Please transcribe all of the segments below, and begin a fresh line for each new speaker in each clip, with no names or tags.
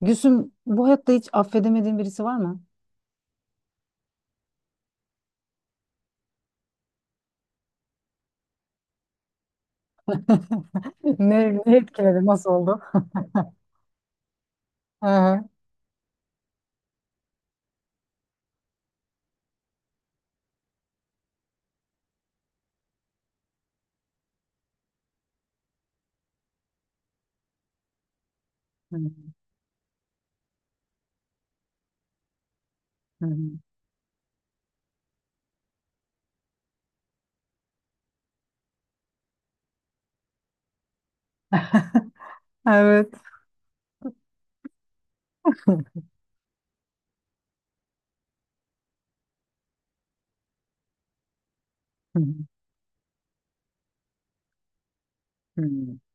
Gülsüm, bu hayatta hiç affedemediğin birisi var mı? Ne, ne etkiledi? Nasıl oldu? Hı hı. Hı hı. Evet. Hı hı.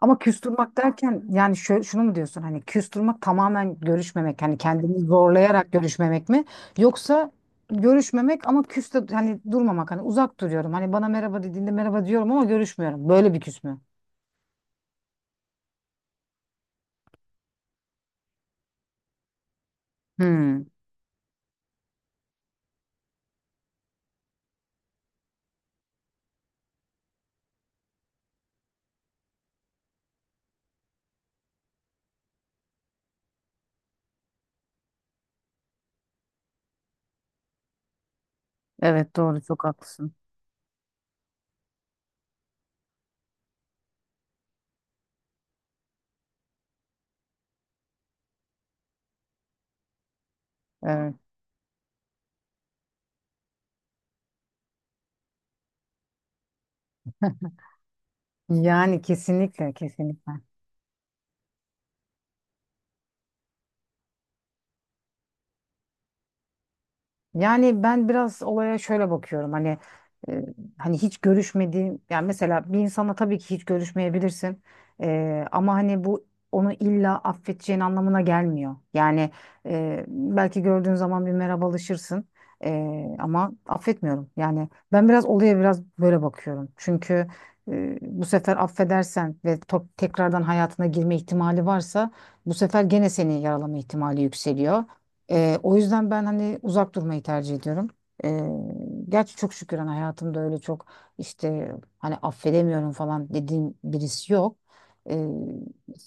Ama küstürmek derken yani şunu mu diyorsun, hani küstürmek tamamen görüşmemek, hani kendini zorlayarak görüşmemek mi, yoksa görüşmemek ama küste hani durmamak, hani uzak duruyorum, hani bana merhaba dediğinde merhaba diyorum ama görüşmüyorum, böyle bir küs mü? Hmm, evet, doğru, çok haklısın. Evet. Yani kesinlikle, kesinlikle. Yani ben biraz olaya şöyle bakıyorum, hani e, hani hiç görüşmediğim, yani mesela bir insana tabii ki hiç görüşmeyebilirsin. E, ama hani bu onu illa affedeceğin anlamına gelmiyor. Yani belki gördüğün zaman bir merhabalaşırsın. E, ama affetmiyorum. Yani ben biraz olaya biraz böyle bakıyorum. Çünkü bu sefer affedersen ve tekrardan hayatına girme ihtimali varsa bu sefer gene seni yaralama ihtimali yükseliyor. O yüzden ben hani uzak durmayı tercih ediyorum. Ee, Gerçi çok şükür hani hayatımda öyle çok işte hani affedemiyorum falan dediğim birisi yok. Ee,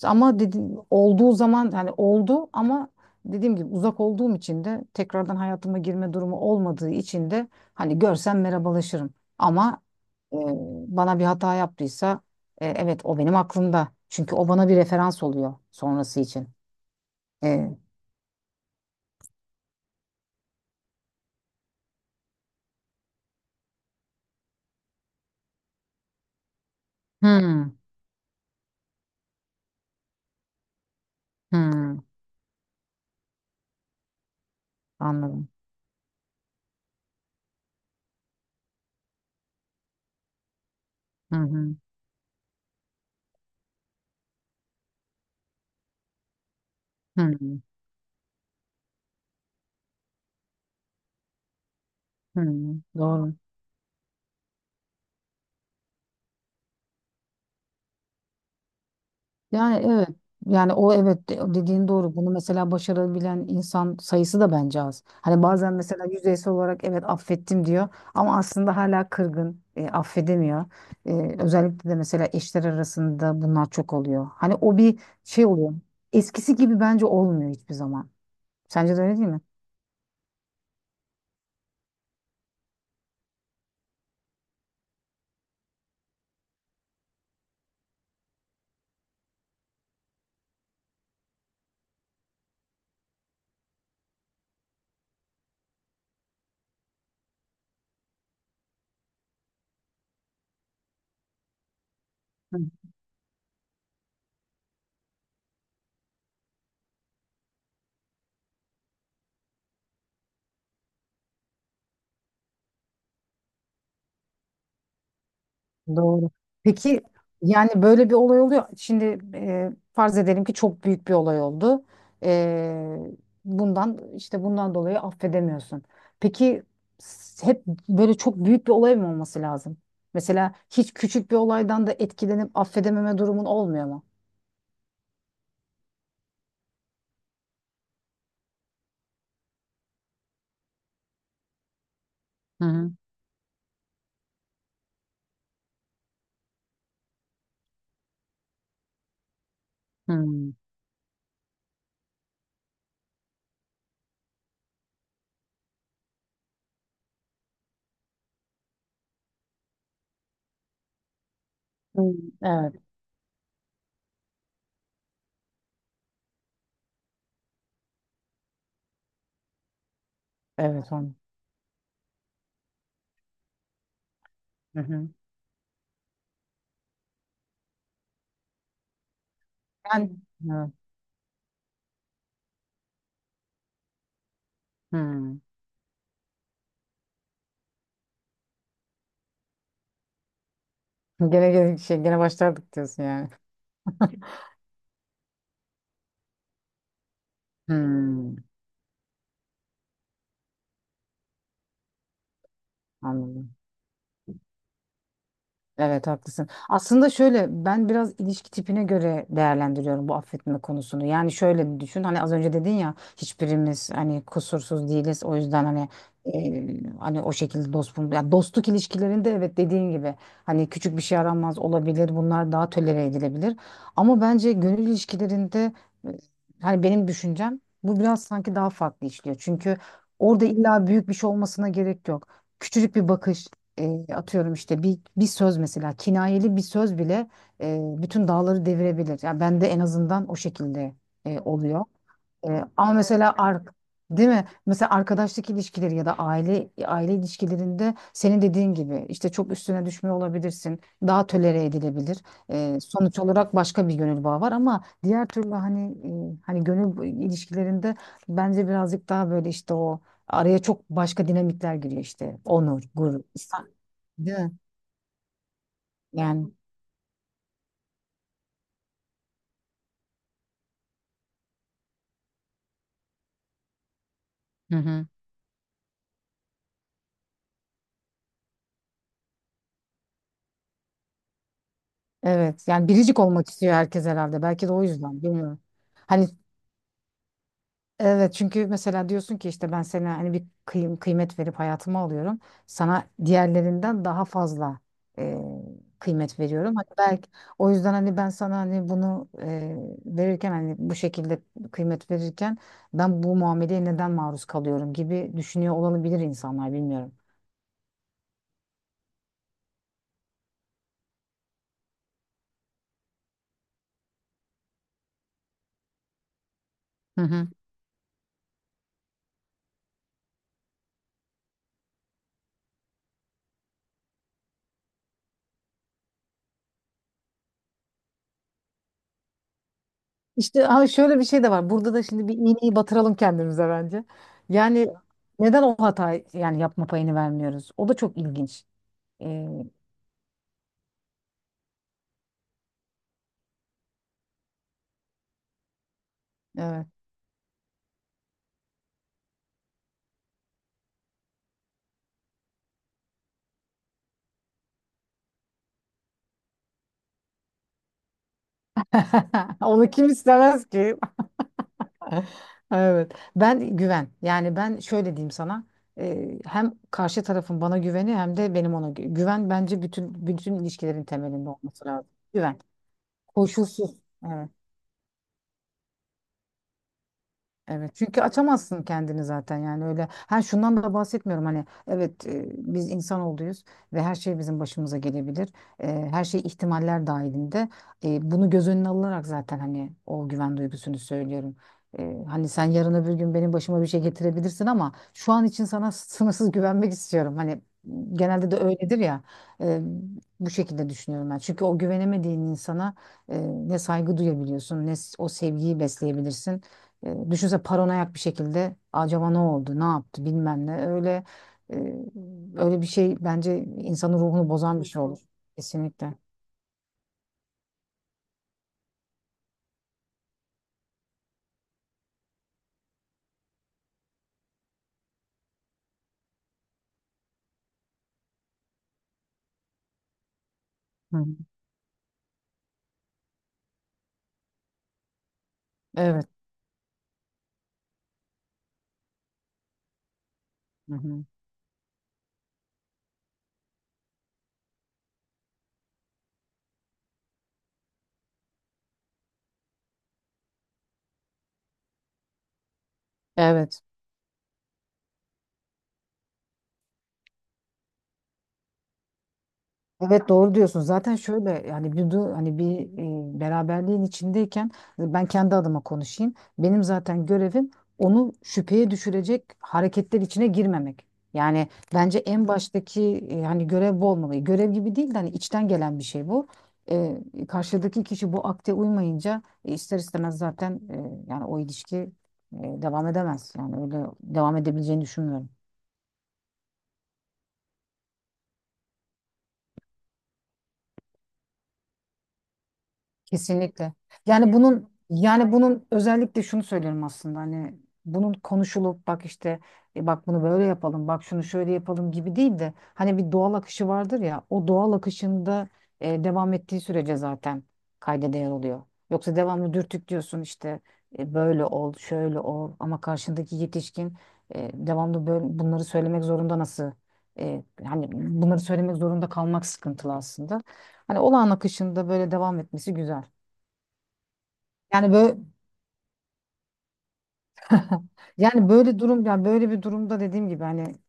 Ama dediğim olduğu zaman hani oldu ama dediğim gibi uzak olduğum için de tekrardan hayatıma girme durumu olmadığı için de hani görsem merhabalaşırım. Ama e, bana bir hata yaptıysa evet, o benim aklımda. Çünkü o bana bir referans oluyor sonrası için. Ee, hmm, hmm. Anladım. Hı hı. Hı hı. Hı. Hı. Doğru. Yani evet. Yani o, evet, dediğin doğru. Bunu mesela başarabilen insan sayısı da bence az. Hani bazen mesela yüzeysel olarak evet affettim diyor ama aslında hala kırgın, affedemiyor. Özellikle de mesela eşler arasında bunlar çok oluyor. Hani o bir şey oluyor. Eskisi gibi bence olmuyor hiçbir zaman. Sence de öyle değil mi? Doğru. Peki, yani böyle bir olay oluyor. Şimdi farz edelim ki çok büyük bir olay oldu. E, Bundan işte bundan dolayı affedemiyorsun. Peki, hep böyle çok büyük bir olay mı olması lazım? Mesela hiç küçük bir olaydan da etkilenip affedememe durumun olmuyor mu? Hı hı. Hı. Hı. Evet, evet onu. Hı hı. Yani evet. Hı. Gene gene şey gene başlardık diyorsun yani. Hı. Anladım. Evet, haklısın. Aslında şöyle, ben biraz ilişki tipine göre değerlendiriyorum bu affetme konusunu. Yani şöyle düşün, hani az önce dedin ya hiçbirimiz hani kusursuz değiliz. O yüzden hani hani o şekilde ya dostluk ilişkilerinde evet dediğin gibi hani küçük bir şey aranmaz olabilir. Bunlar daha tolere edilebilir. Ama bence gönül ilişkilerinde e, hani benim düşüncem bu, biraz sanki daha farklı işliyor. Çünkü orada illa büyük bir şey olmasına gerek yok. Küçücük bir bakış, atıyorum işte bir, bir söz mesela, kinayeli bir söz bile bütün dağları devirebilir. Yani ben de en azından o şekilde oluyor. Ama mesela değil mi? Mesela arkadaşlık ilişkileri ya da aile ilişkilerinde senin dediğin gibi işte çok üstüne düşmüyor olabilirsin. Daha tolere edilebilir. Sonuç olarak başka bir gönül bağı var, ama diğer türlü hani hani gönül ilişkilerinde bence birazcık daha böyle işte o, araya çok başka dinamikler giriyor işte. Onur, gurur, değil mi? Yani hı hı. Evet. Yani biricik olmak istiyor herkes herhalde. Belki de o yüzden. Bilmiyorum. Hani evet, çünkü mesela diyorsun ki işte ben sana hani bir kıymet verip hayatımı alıyorum. Sana diğerlerinden daha fazla e, kıymet veriyorum. Hani belki o yüzden hani ben sana hani bunu verirken hani bu şekilde kıymet verirken ben bu muameleye neden maruz kalıyorum gibi düşünüyor olabilir insanlar, bilmiyorum. İşte ha, şöyle bir şey de var. Burada da şimdi bir iğneyi batıralım kendimize bence. Yani neden o hatayı yani yapma payını vermiyoruz? O da çok ilginç. Ee, evet. Onu kim istemez ki? Evet. Ben güven. Yani ben şöyle diyeyim sana. Hem karşı tarafın bana güveni, hem de benim ona güven bence bütün ilişkilerin temelinde olması lazım. Güven. Koşulsuz. Evet. Evet, çünkü açamazsın kendini zaten, yani öyle. Ha, şundan da bahsetmiyorum hani, evet, biz insan olduğuyuz ve her şey bizim başımıza gelebilir. Her şey ihtimaller dahilinde. Bunu göz önüne alınarak zaten hani o güven duygusunu söylüyorum. Hani sen yarın öbür gün benim başıma bir şey getirebilirsin, ama şu an için sana sınırsız güvenmek istiyorum, hani genelde de öyledir ya. E, Bu şekilde düşünüyorum ben, çünkü o güvenemediğin insana e, ne saygı duyabiliyorsun, ne o sevgiyi besleyebilirsin. Düşünsene, paranoyak bir şekilde acaba ne oldu, ne yaptı, bilmem ne. Öyle e, öyle bir şey bence insanın ruhunu bozan bir şey olur. Kesinlikle. Hı hı. Evet. Hı hı. Evet. Evet, doğru diyorsun. Zaten şöyle yani bir hani bir beraberliğin içindeyken ben kendi adıma konuşayım. Benim zaten görevim onu şüpheye düşürecek hareketler içine girmemek. Yani bence en baştaki hani görev bu olmalı. E, görev gibi değil de hani içten gelen bir şey bu. E, Karşıdaki kişi bu akte uymayınca ister istemez zaten yani o ilişki devam edemez. Yani öyle devam edebileceğini düşünmüyorum. Kesinlikle. Yani bunun özellikle şunu söylüyorum aslında, hani bunun konuşulup bak işte bak bunu böyle yapalım, bak şunu şöyle yapalım gibi değil de hani bir doğal akışı vardır ya, o doğal akışında devam ettiği sürece zaten kayda değer oluyor. Yoksa devamlı dürtüklüyorsun işte böyle ol, şöyle ol, ama karşındaki yetişkin. Devamlı böyle bunları söylemek zorunda, nasıl hani bunları söylemek zorunda kalmak sıkıntılı aslında. Hani olağan akışında böyle devam etmesi güzel. Yani böyle yani böyle durum, yani böyle bir durumda dediğim gibi hani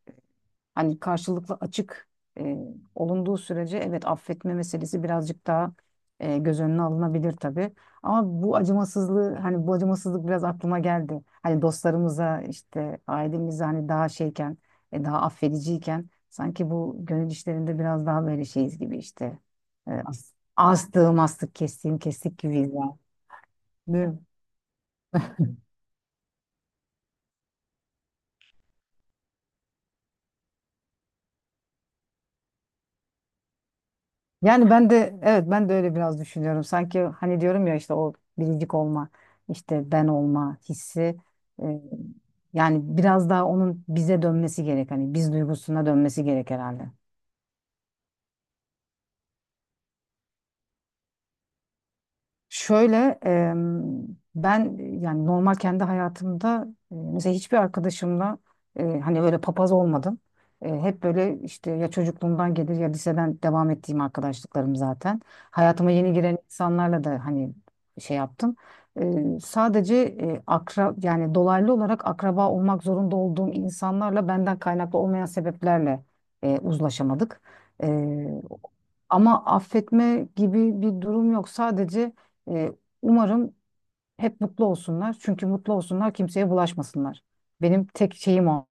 hani karşılıklı açık e, olunduğu sürece evet affetme meselesi birazcık daha göz önüne alınabilir tabii. Ama bu acımasızlığı, hani bu acımasızlık biraz aklıma geldi. Hani dostlarımıza işte ailemize hani daha şeyken daha affediciyken sanki bu gönül işlerinde biraz daha böyle şeyiz gibi işte. Astığım astık, kestiğim kestik gibiyiz yani. Yani ben de evet, ben de öyle biraz düşünüyorum. Sanki hani diyorum ya, işte o biricik olma, işte ben olma hissi e, yani biraz daha onun bize dönmesi gerek. Hani biz duygusuna dönmesi gerek herhalde. Şöyle em, ben yani normal kendi hayatımda mesela hiçbir arkadaşımla hani böyle papaz olmadım. Hep böyle işte, ya çocukluğumdan gelir ya liseden devam ettiğim arkadaşlıklarım zaten. Hayatıma yeni giren insanlarla da hani şey yaptım. E, sadece e, akra yani dolaylı olarak akraba olmak zorunda olduğum insanlarla benden kaynaklı olmayan sebeplerle uzlaşamadık. Ama affetme gibi bir durum yok. Sadece e, umarım hep mutlu olsunlar. Çünkü mutlu olsunlar, kimseye bulaşmasınlar. Benim tek şeyim o.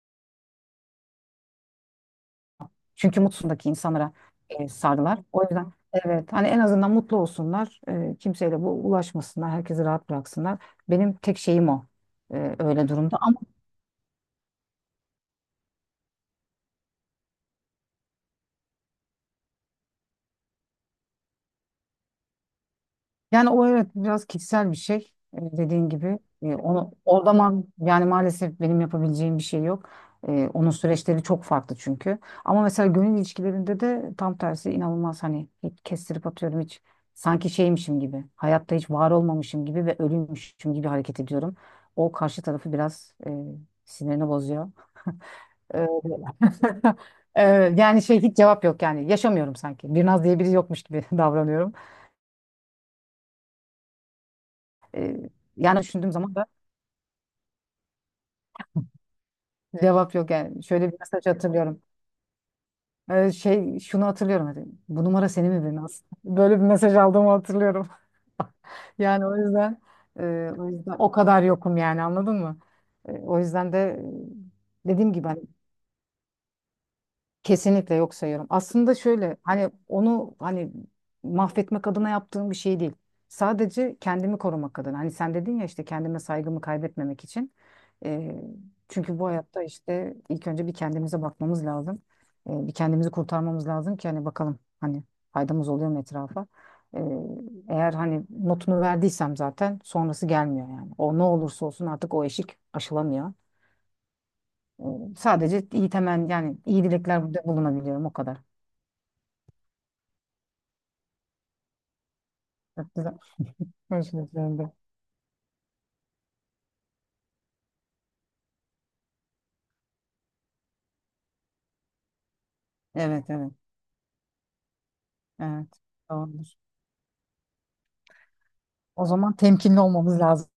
Çünkü mutsundaki insanlara sardılar. O yüzden evet, hani en azından mutlu olsunlar. E, kimseyle bu ulaşmasınlar. Herkesi rahat bıraksınlar. Benim tek şeyim o. E, öyle durumda. Yani o, evet, biraz kişisel bir şey, dediğin gibi. E, onu orada ma, yani maalesef benim yapabileceğim bir şey yok. Onun süreçleri çok farklı çünkü. Ama mesela gönül ilişkilerinde de tam tersi, inanılmaz hani, hiç kestirip atıyorum, hiç sanki şeymişim gibi. Hayatta hiç var olmamışım gibi ve ölüymüşüm gibi hareket ediyorum. O karşı tarafı biraz sinirini bozuyor. E, e, yani şey, hiç cevap yok, yani yaşamıyorum sanki. Bir naz diye biri yokmuş gibi davranıyorum. Yani düşündüğüm zaman da cevap yok yani. Şöyle bir mesaj hatırlıyorum. Şey, şunu hatırlıyorum. Hani, bu numara senin mi benim aslında. Böyle bir mesaj aldığımı hatırlıyorum. Yani o yüzden o yüzden o kadar yokum yani, anladın mı? O yüzden de dediğim gibi hani kesinlikle yok sayıyorum. Aslında şöyle, hani onu hani mahvetmek adına yaptığım bir şey değil. Sadece kendimi korumak adına. Hani sen dedin ya işte, kendime saygımı kaybetmemek için. Ee, Çünkü bu hayatta işte ilk önce bir kendimize bakmamız lazım. Bir kendimizi kurtarmamız lazım ki hani bakalım hani faydamız oluyor mu etrafa. Ee, Eğer hani notunu verdiysem zaten sonrası gelmiyor yani. O ne olursa olsun artık o eşik aşılamıyor. Ee, Sadece iyi temen, yani iyi dilekler bulunabiliyorum o kadar. Çok güzel. Özür dilerim de. Evet, evet. Evet. Doğrudur. O zaman temkinli olmamız lazım.